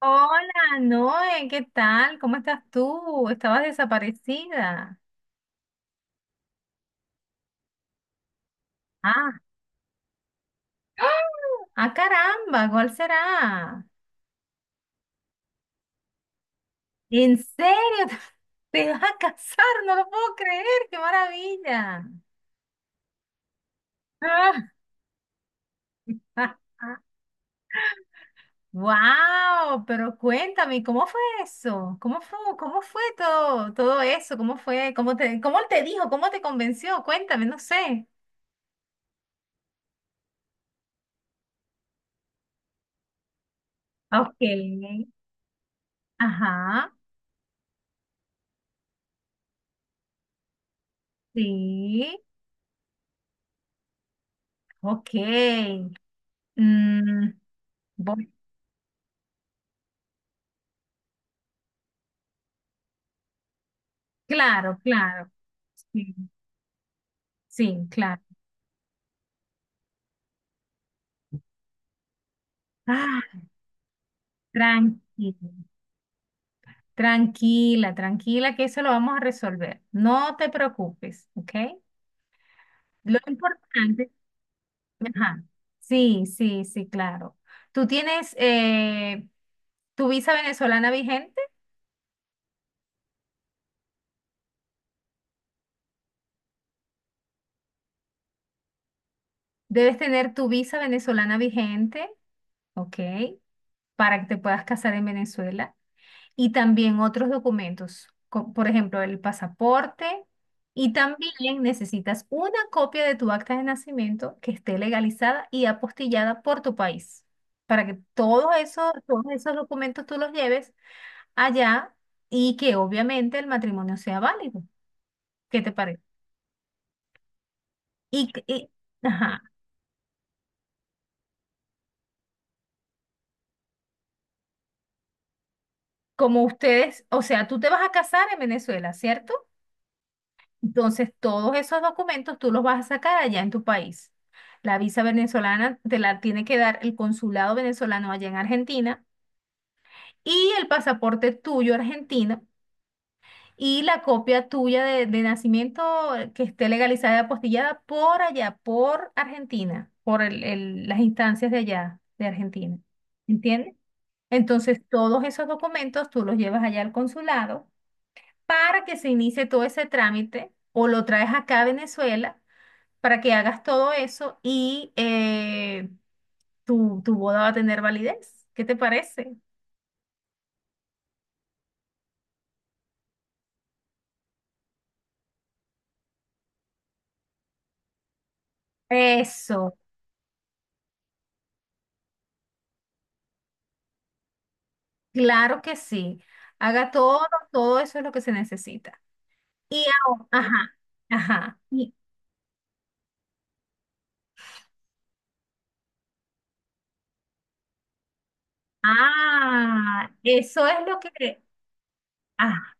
Hola, Noé, ¿qué tal? ¿Cómo estás tú? Estabas desaparecida. Ah, ah, caramba, ¿cuál será? ¿En serio? ¿Te vas a casar? No lo puedo creer, qué maravilla. Ah, wow, pero cuéntame, ¿cómo fue eso? ¿Cómo fue todo eso? ¿Cómo fue? ¿Cómo él te dijo? ¿Cómo te convenció? Cuéntame, no sé. Ok, ajá, sí, ok. Mm, voy- claro, claro. Sí, sí, claro. Ah, tranquila, tranquila, tranquila, que eso lo vamos a resolver. No te preocupes, ¿ok? Lo importante, ajá, sí, sí, sí, claro. Tú tienes tu visa venezolana vigente. Debes tener tu visa venezolana vigente, ¿ok? Para que te puedas casar en Venezuela. Y también otros documentos, por ejemplo, el pasaporte, y también necesitas una copia de tu acta de nacimiento que esté legalizada y apostillada por tu país, para que todos esos documentos tú los lleves allá y que obviamente el matrimonio sea válido. ¿Qué te parece? Y, que- y- ajá, como ustedes, o sea, tú te vas a casar en Venezuela, ¿cierto? Entonces, todos esos documentos tú los vas a sacar allá en tu país. La visa venezolana te la tiene que dar el consulado venezolano allá en Argentina, y el pasaporte tuyo argentino y la copia tuya de nacimiento, que esté legalizada y apostillada por allá, por Argentina, por las instancias de allá, de Argentina. ¿Entiendes? Entonces, todos esos documentos tú los llevas allá al consulado para que se inicie todo ese trámite, o lo traes acá a Venezuela para que hagas todo eso, y tu boda va a tener validez. ¿Qué te parece? Eso, claro que sí. Haga todo eso es lo que se necesita. Y ahora, ajá, ajá. Y, ah, eso es lo que, ah,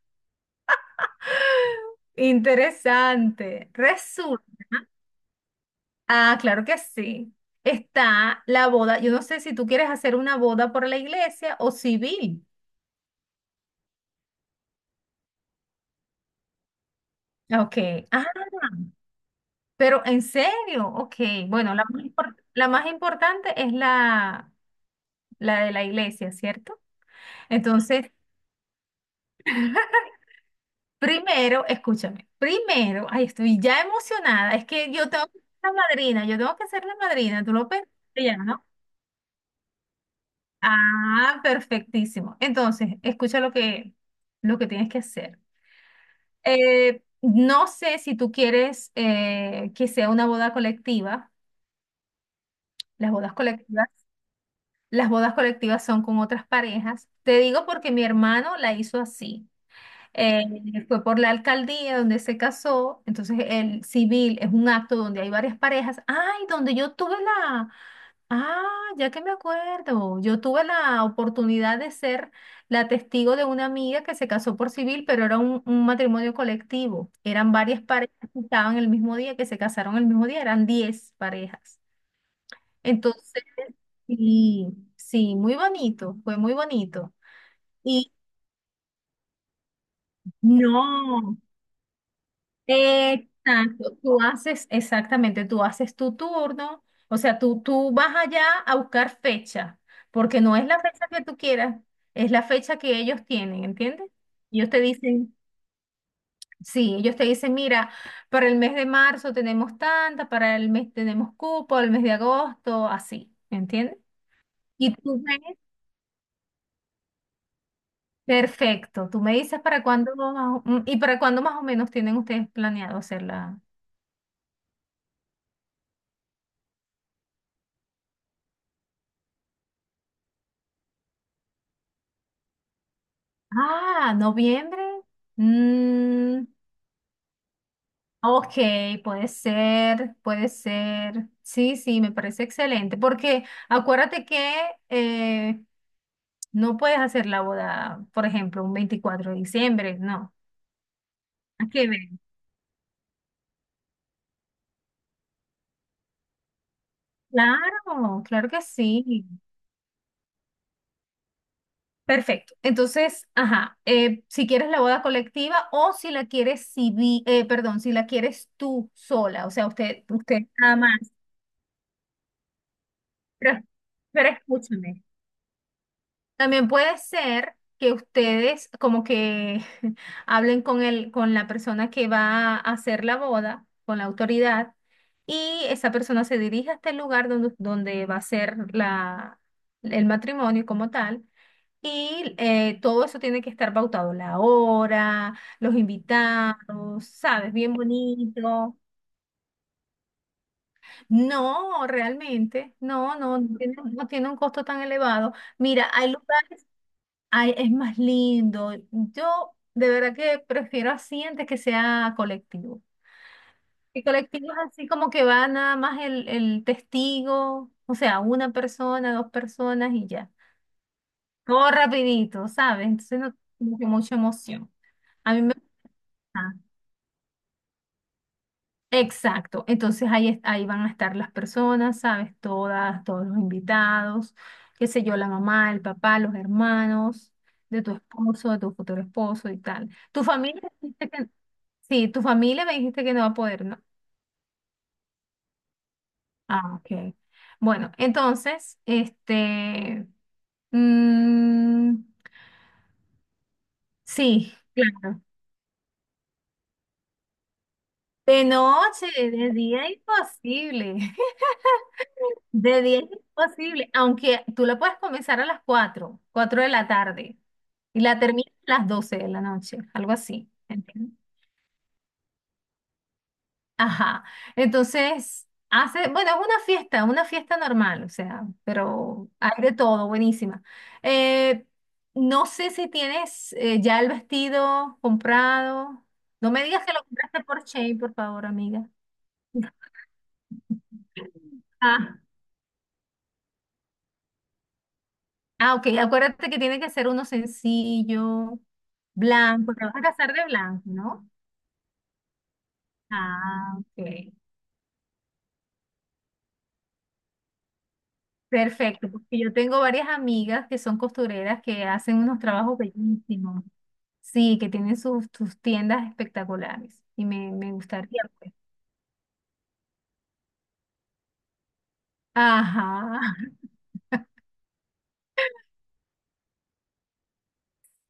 interesante. Ah, claro que sí. Está la boda. Yo no sé si tú quieres hacer una boda por la iglesia o civil. Ok, ajá. Pero en serio, ok. Bueno, la más importante es la de la iglesia, ¿cierto? Entonces, primero, escúchame, primero, ay, estoy ya emocionada, es que yo tengo que ser la madrina, yo tengo que ser la madrina, tú lo pensaste ya, ¿no? Ah, perfectísimo. Entonces, escucha lo que tienes que hacer. No sé si tú quieres que sea una boda colectiva, las bodas colectivas. Las bodas colectivas son con otras parejas. Te digo porque mi hermano la hizo así. Eh, Fue por la alcaldía donde se casó. Entonces, el civil es un acto donde hay varias parejas. Ay, donde yo tuve la... ah, ya que me acuerdo. Yo tuve la oportunidad de ser la testigo de una amiga que se casó por civil, pero era un matrimonio colectivo. Eran varias parejas que estaban el mismo día, que se casaron el mismo día. Eran 10 parejas. Entonces, sí, sí, muy bonito, fue muy bonito. Y no, exacto, tú haces, exactamente, tú haces tu turno. O sea, tú vas allá a buscar fecha, porque no es la fecha que tú quieras, es la fecha que ellos tienen, ¿entiendes? Ellos te dicen, sí, ellos te dicen, mira, para el mes de marzo tenemos tanta, para el mes tenemos cupo, el mes de agosto, así, ¿entiendes? Y tú Perfecto. Tú me dices para cuándo más o- mm, y para cuándo más o menos tienen ustedes planeado hacerla. Ah, noviembre. Mm, ok, puede ser, puede ser. Sí, sí, me parece excelente. Porque acuérdate que eh, no puedes hacer la boda, por ejemplo, un 24 de diciembre, no. ¿A qué ver? Claro, claro que sí. Perfecto. Entonces, ajá, si quieres la boda colectiva o si la quieres perdón, si la quieres tú sola, o sea, usted, usted nada más. Pero, pero escúchame. También puede ser que ustedes como que hablen con la persona que va a hacer la boda, con la autoridad, y esa persona se dirige hasta el lugar donde va a ser el matrimonio como tal. Y todo eso tiene que estar pautado, la hora, los invitados, ¿sabes? Bien bonito. No, realmente, no tiene un costo tan elevado. Mira, hay lugar, es más lindo. Yo de verdad que prefiero así antes que sea colectivo. Y colectivo es así como que va nada más el testigo, o sea, una persona, dos personas y ya. Todo rapidito, ¿sabes? Entonces no tiene como que mucha emoción. A mí me gusta. Exacto, entonces ahí, ahí van a estar las personas, ¿sabes? Todos los invitados, qué sé yo, la mamá, el papá, los hermanos de tu futuro esposo y tal. Tu familia me dijiste que, Sí, tu familia me dijiste que no va a poder, ¿no? Ah, ok. Bueno, entonces, este, mm, sí, claro. De noche, de día imposible. De 10 es posible, aunque tú la puedes comenzar a las cuatro de la tarde, y la terminas a las 12 de la noche, algo así. ¿Entiendes? Ajá. Entonces, bueno, es una fiesta normal, o sea, pero hay de todo, buenísima. Eh, no sé si tienes ya el vestido comprado. No me digas que lo compraste por Shein, por favor, amiga. Ah. Ah, ok, acuérdate que tiene que ser uno sencillo, blanco, te vas a casar de blanco, ¿no? Ah, ok. Perfecto, porque yo tengo varias amigas que son costureras que hacen unos trabajos bellísimos. Sí, que tienen sus tiendas espectaculares y me gustaría, pues. Ajá,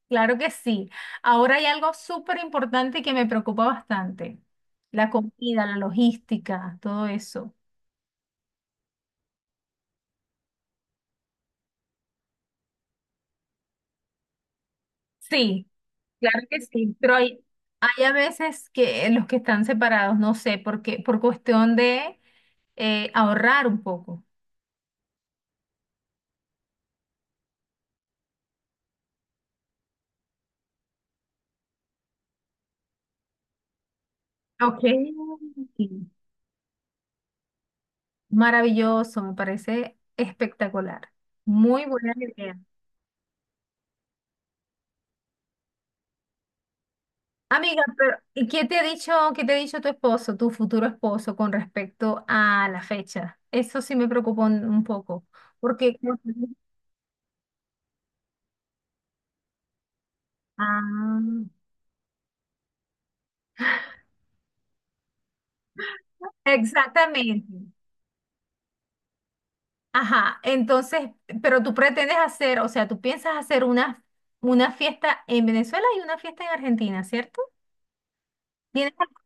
claro que sí. Ahora hay algo súper importante que me preocupa bastante, la comida, la logística, todo eso. Sí, claro que sí, pero hay a veces que los que están separados, no sé, porque por cuestión de ahorrar un poco. Ok. Sí. Maravilloso, me parece espectacular. Muy buena idea. Amiga, pero ¿y qué te ha dicho, qué te ha dicho tu esposo, tu futuro esposo, con respecto a la fecha? Eso sí me preocupa un poco, porque... Ah, exactamente. Ajá, entonces, pero tú pretendes hacer, o sea, tú piensas hacer una fiesta en Venezuela y una fiesta en Argentina, ¿cierto? Tienes-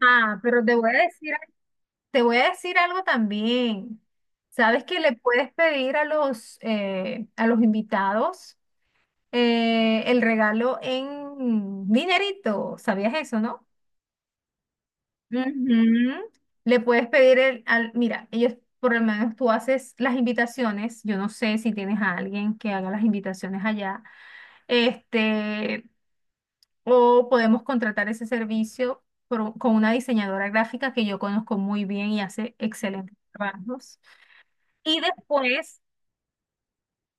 Ah, pero te voy a decir, te voy a decir algo también. Sabes que le puedes pedir a los invitados, el regalo en dinerito. ¿Sabías eso, no? Ujú. Le puedes pedir mira, por lo menos tú haces las invitaciones, yo no sé si tienes a alguien que haga las invitaciones allá, este, o podemos contratar ese servicio por con una diseñadora gráfica que yo conozco muy bien y hace excelentes trabajos. Y después,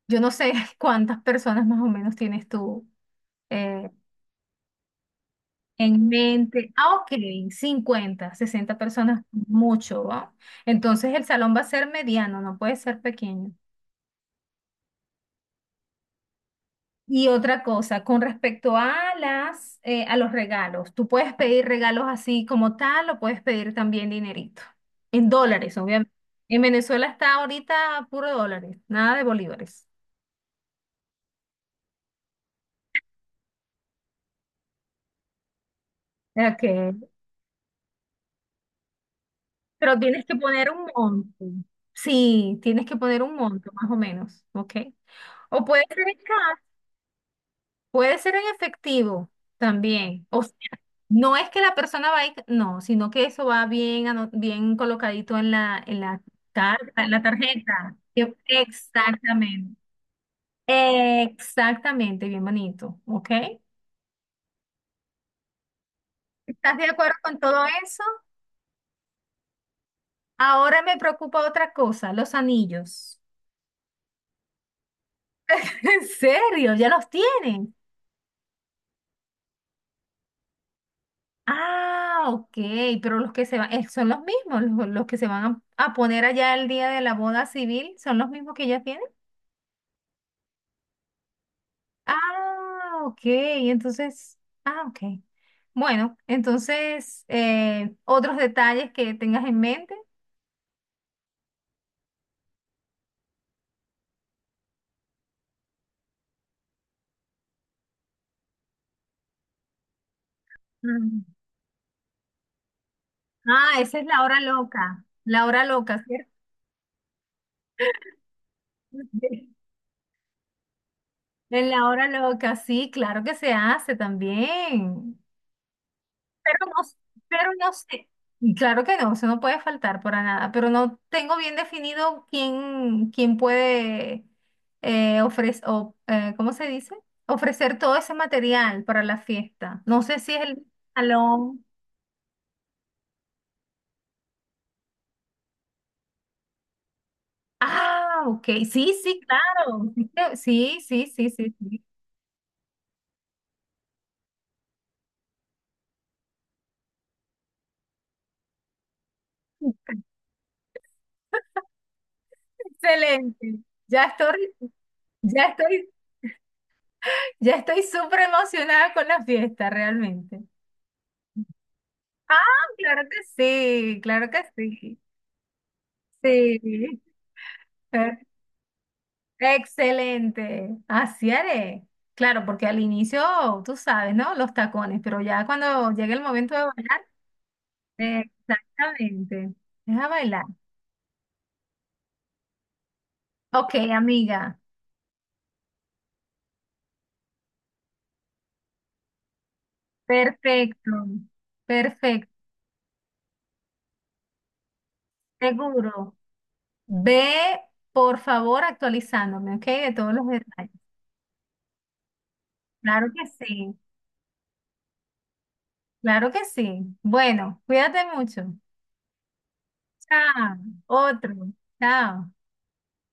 yo no sé cuántas personas más o menos tienes tú eh, en mente, ah, ok, 50 60 personas, mucho, ¿va? Entonces el salón va a ser mediano, no puede ser pequeño. Y otra cosa, con respecto a a los regalos, tú puedes pedir regalos así como tal o puedes pedir también dinerito, en dólares, obviamente. En Venezuela está ahorita puro dólares, nada de bolívares. Ok, pero tienes que poner un monto. Sí, tienes que poner un monto, más o menos, ¿ok? O puede ser en cash, puede ser en efectivo también. O sea, no es que la persona va a ir, no, sino que eso va bien, bien colocadito en la carta, en la tarjeta. Exactamente. Exactamente, bien bonito. ¿Ok? ¿Estás de acuerdo con todo eso? Ahora me preocupa otra cosa, los anillos. ¿En serio? ¿Ya los tienes? Ah, ok, pero los que se van, son los mismos, los que se van a poner allá el día de la boda civil, son los mismos que ya tienen. Ah, ok, entonces, ah, ok. Bueno, entonces, otros detalles que tengas en mente. Mm. Ah, esa es la hora loca, ¿cierto? En la hora loca, sí, claro que se hace también. Pero no, pero no sé. Claro que no, eso no puede faltar para nada, pero no tengo bien definido quién puede ofrecer, o, ¿cómo se dice? Ofrecer todo ese material para la fiesta. No sé si es el salón. Ah, ok. Sí, sí, claro. Sí, sí, sí, sí, sí. Excelente. Ya estoy, ya estoy, ya estoy súper emocionada con la fiesta, realmente. Ah, claro que sí, claro que sí. Sí, eh, excelente. Así haré. Claro, porque al inicio, tú sabes, ¿no? Los tacones, pero ya cuando llegue el momento de bailar, exactamente. Deja bailar. Ok, amiga. Perfecto. Perfecto. Seguro. Ve, por favor, actualizándome, ¿ok? De todos los detalles. Claro que sí. Claro que sí. Bueno, cuídate mucho. Chao. Otro. Chao.